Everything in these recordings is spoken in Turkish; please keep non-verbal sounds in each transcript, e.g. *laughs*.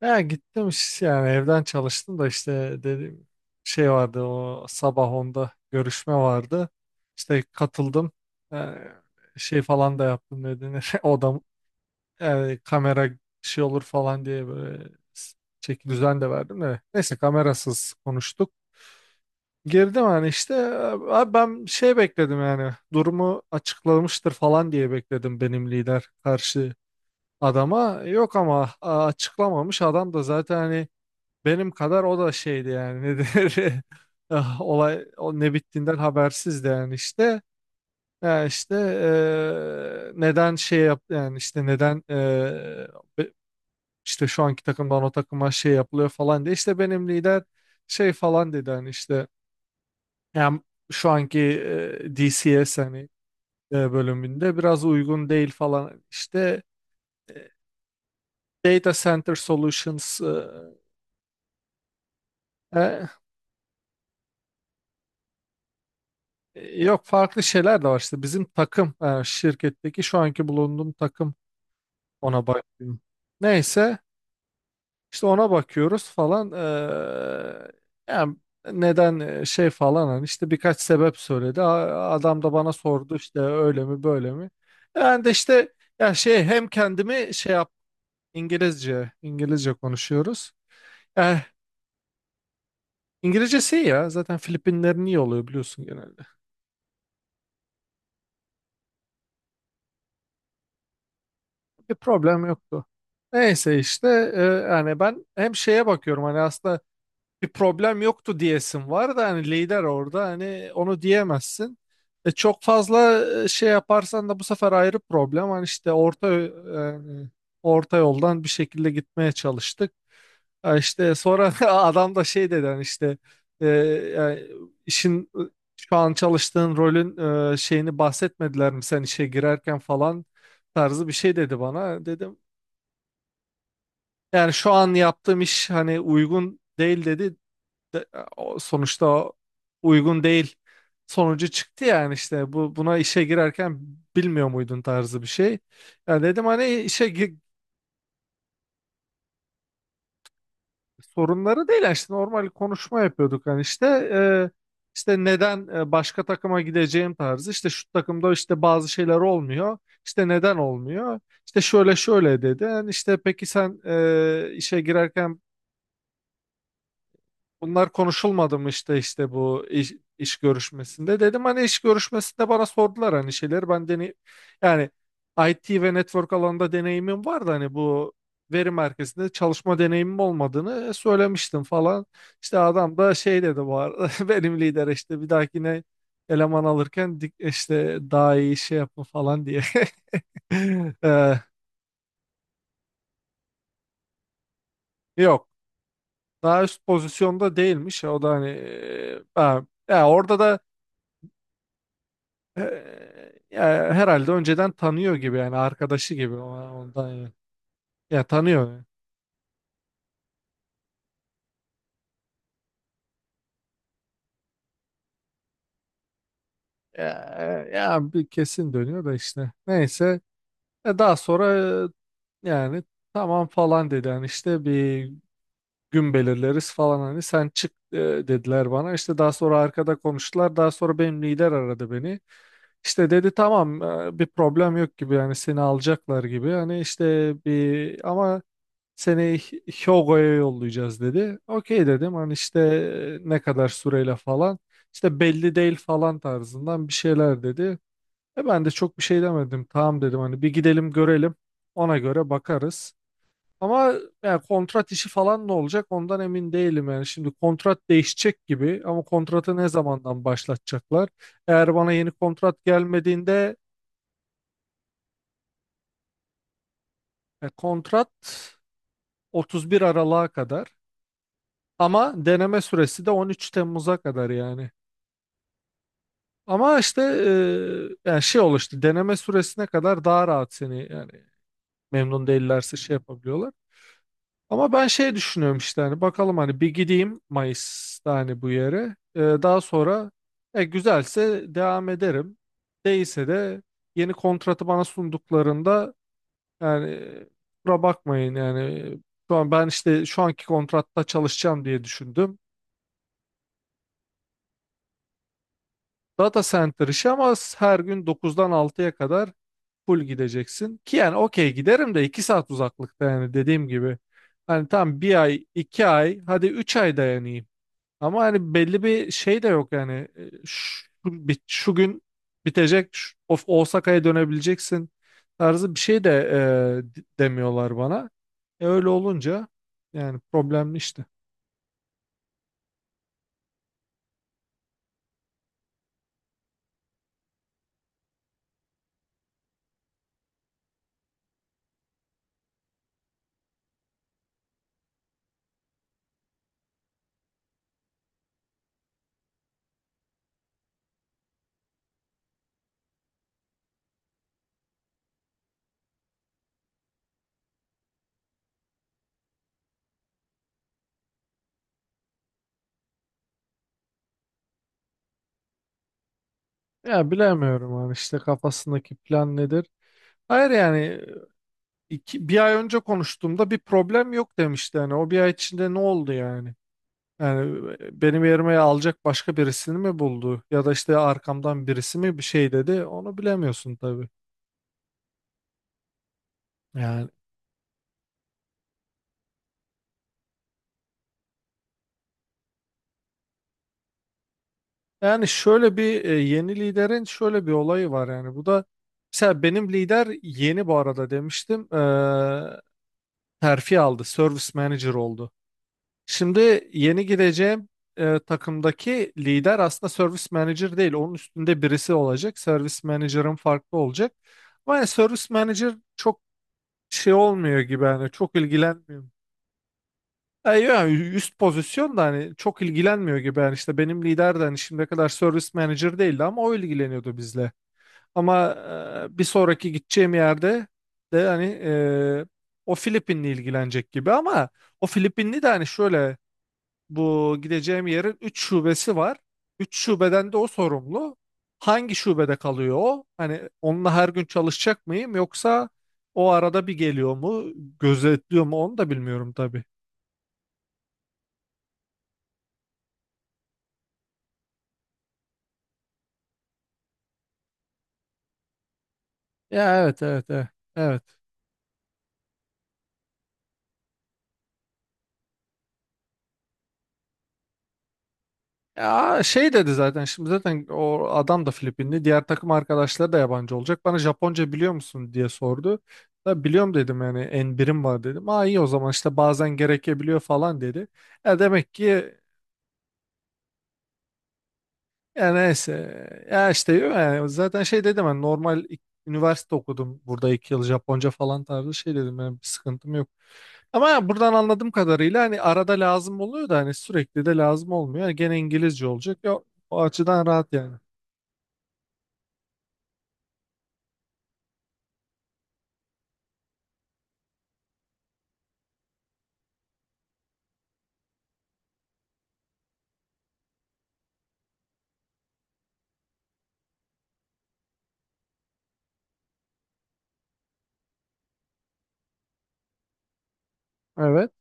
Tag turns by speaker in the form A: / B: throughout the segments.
A: Ya gittim yani evden çalıştım da işte dediğim şey vardı o sabah onda görüşme vardı. İşte katıldım. Yani şey falan da yaptım ne denir. *laughs* Odam yani kamera şey olur falan diye böyle çek düzen de verdim de. Neyse kamerasız konuştuk. Girdim hani işte abi ben şey bekledim yani durumu açıklamıştır falan diye bekledim benim lider karşı adama. Yok ama açıklamamış adam da zaten hani benim kadar o da şeydi yani ne denir? *laughs* Ah, olay o ne bittiğinden habersizdi yani işte. Yani işte neden şey yap yani işte neden be- işte şu anki takımdan o takıma şey yapılıyor falan diye işte benim lider şey falan dedi hani işte yani şu anki DCS hani bölümünde biraz uygun değil falan işte eee, Data Center Solutions. Yok farklı şeyler de var işte bizim takım, şirketteki şu anki bulunduğum takım, ona bakıyorum. Neyse işte ona bakıyoruz falan. Yani neden şey falan hani işte birkaç sebep söyledi. Adam da bana sordu işte öyle mi böyle mi. Ben de işte ya şey hem kendimi şey yap. İngilizce İngilizce konuşuyoruz. Eh, İngilizcesi iyi ya zaten Filipinlerin iyi oluyor biliyorsun genelde. Bir problem yoktu. Neyse işte yani ben hem şeye bakıyorum hani aslında bir problem yoktu diyesin var da hani lider orada hani onu diyemezsin. Çok fazla şey yaparsan da bu sefer ayrı problem. Hani işte orta yani orta yoldan bir şekilde gitmeye çalıştık. Ha işte sonra *laughs* adam da şey dedi hani işte yani işin, şu an çalıştığın rolün şeyini bahsetmediler mi sen işe girerken falan tarzı bir şey dedi bana. Dedim yani şu an yaptığım iş hani uygun değil dedi. De- sonuçta o uygun değil sonucu çıktı yani işte bu buna işe girerken bilmiyor muydun tarzı bir şey. Ya dedim hani sorunları değil yani işte normal konuşma yapıyorduk hani işte e, işte neden başka takıma gideceğim tarzı işte şu takımda işte bazı şeyler olmuyor. İşte neden olmuyor? İşte şöyle şöyle dedi. Yani işte peki sen işe girerken bunlar konuşulmadı mı işte işte iş görüşmesinde dedim hani iş görüşmesinde bana sordular hani şeyler ben deney yani IT ve network alanında deneyimim vardı hani bu veri merkezinde çalışma deneyimim olmadığını söylemiştim falan. İşte adam da şey dedi bu arada *laughs* benim lider işte bir dahakine eleman alırken işte daha iyi şey yapın falan diye. *laughs* Ee, yok daha üst pozisyonda değilmiş o da hani ha, ya orada da E, e, herhalde önceden tanıyor gibi yani arkadaşı gibi ondan yani. Ya tanıyor yani. Ya, ya bir kesin dönüyor da işte. Neyse daha sonra yani tamam falan dedi yani işte bir gün belirleriz falan hani sen çık dediler bana. İşte daha sonra arkada konuştular. Daha sonra benim lider aradı beni. İşte dedi tamam, bir problem yok gibi yani seni alacaklar gibi. Hani işte bir ama seni Hyogo'ya yollayacağız dedi. Okey dedim hani işte ne kadar süreyle falan. İşte belli değil falan tarzından bir şeyler dedi. E ben de çok bir şey demedim. Tamam dedim hani bir gidelim görelim. Ona göre bakarız. Ama yani kontrat işi falan ne olacak ondan emin değilim yani. Şimdi kontrat değişecek gibi ama kontratı ne zamandan başlatacaklar? Eğer bana yeni kontrat gelmediğinde, kontrat 31 Aralık'a kadar. Ama deneme süresi de 13 Temmuz'a kadar yani. Ama işte yani şey oluştu, deneme süresine kadar daha rahat seni yani memnun değillerse şey yapabiliyorlar. Ama ben şey düşünüyorum işte hani bakalım hani bir gideyim Mayıs'ta hani bu yere. Daha sonra güzelse devam ederim. Değilse de yeni kontratı bana sunduklarında yani kusura bakmayın yani şu an ben işte şu anki kontratta çalışacağım diye düşündüm. Data center işi ama her gün 9'dan 6'ya kadar full gideceksin. Ki yani okey giderim de 2 saat uzaklıkta yani dediğim gibi. Hani tam bir ay, 2 ay, hadi 3 ay dayanayım. Ama hani belli bir şey de yok yani. Şu gün bitecek, of Osaka'ya dönebileceksin tarzı bir şey de demiyorlar bana. E öyle olunca yani problemli işte. Ya bilemiyorum hani işte kafasındaki plan nedir? Hayır yani bir ay önce konuştuğumda bir problem yok demişti. Yani o bir ay içinde ne oldu yani? Yani, benim yerime alacak başka birisini mi buldu? Ya da işte arkamdan birisi mi bir şey dedi? Onu bilemiyorsun tabii. Yani yani şöyle bir, yeni liderin şöyle bir olayı var yani. Bu da mesela benim lider yeni bu arada demiştim. Terfi aldı. Service manager oldu. Şimdi yeni gireceğim takımdaki lider aslında service manager değil. Onun üstünde birisi olacak. Service manager'ın farklı olacak. Ama yani service manager çok şey olmuyor gibi yani çok ilgilenmiyor. Yani üst pozisyon da hani çok ilgilenmiyor gibi yani işte benim lider de hani şimdiye kadar service manager değildi ama o ilgileniyordu bizle. Ama bir sonraki gideceğim yerde de hani, o Filipinli ilgilenecek gibi ama o Filipinli de hani şöyle, bu gideceğim yerin 3 şubesi var. 3 şubeden de o sorumlu. Hangi şubede kalıyor o? Hani onunla her gün çalışacak mıyım yoksa o arada bir geliyor mu, gözetliyor mu onu da bilmiyorum tabii. Ya, evet evet evet. Evet. Ya şey dedi zaten, şimdi zaten o adam da Filipinli. Diğer takım arkadaşları da yabancı olacak. Bana Japonca biliyor musun diye sordu. Da biliyorum dedim yani en birim var dedim. Aa iyi o zaman işte bazen gerekebiliyor falan dedi. E demek ki. Ya neyse. Ya işte yani zaten şey dedim ben normal üniversite okudum burada 2 yıl Japonca falan tarzı şey dedim, benim bir sıkıntım yok. Ama ya buradan anladığım kadarıyla hani arada lazım oluyor da hani sürekli de lazım olmuyor. Yani gene İngilizce olacak. Ya, o açıdan rahat yani. Evet.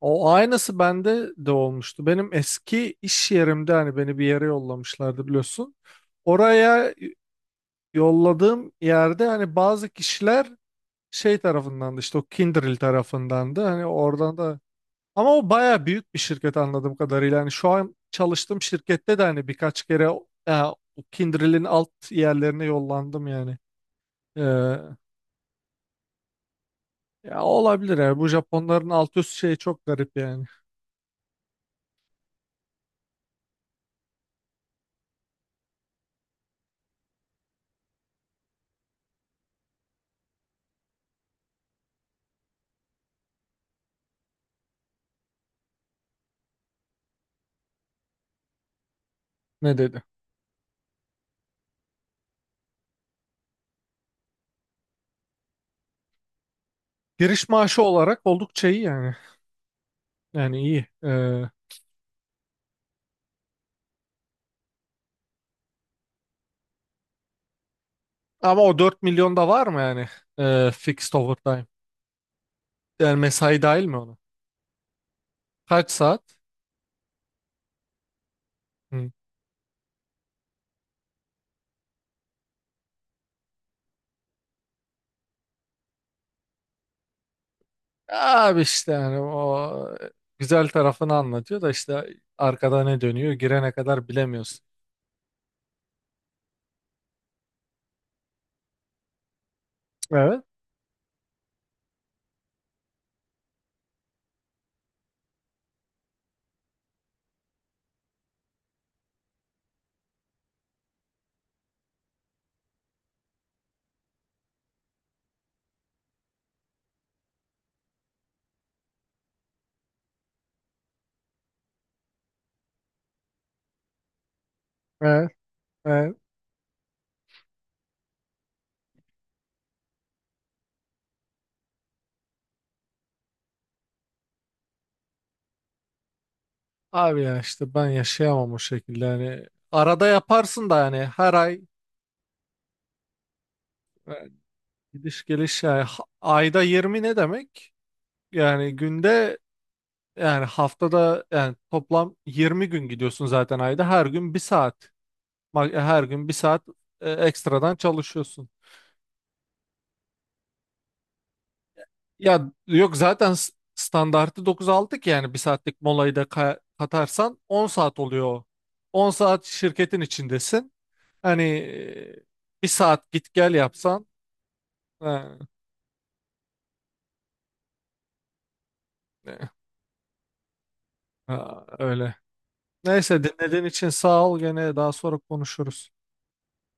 A: O aynısı bende de olmuştu. Benim eski iş yerimde hani beni bir yere yollamışlardı biliyorsun. Oraya yolladığım yerde hani bazı kişiler şey tarafından da işte o Kindrel tarafından da hani oradan da, ama o baya büyük bir şirket anladığım kadarıyla. Hani şu an çalıştığım şirkette de hani birkaç kere o, o Kindrel'in alt yerlerine yollandım yani. Ee, ya olabilir ya bu Japonların alt üst şeyi çok garip yani. Ne dedi? Giriş maaşı olarak oldukça iyi yani. Yani iyi. Ama o 4 milyon da var mı yani? Fixed overtime. Yani mesai dahil mi ona? Kaç saat? Hı. Abi işte yani o güzel tarafını anlatıyor da işte arkada ne dönüyor girene kadar bilemiyorsun. Evet, evet, evet. Abi ya işte ben yaşayamam o şekilde yani. Arada yaparsın da yani her ay, e, gidiş geliş yani ayda 20 ne demek? Yani günde yani haftada yani toplam 20 gün gidiyorsun zaten ayda, her gün bir saat. Her gün bir saat ekstradan çalışıyorsun. Ya yok zaten standartı 9-6 ki yani bir saatlik molayı da katarsan 10 saat oluyor. 10 saat şirketin içindesin. Hani bir saat git gel yapsan ha, ne- ha, öyle. Neyse dinlediğin için sağ ol, gene daha sonra konuşuruz.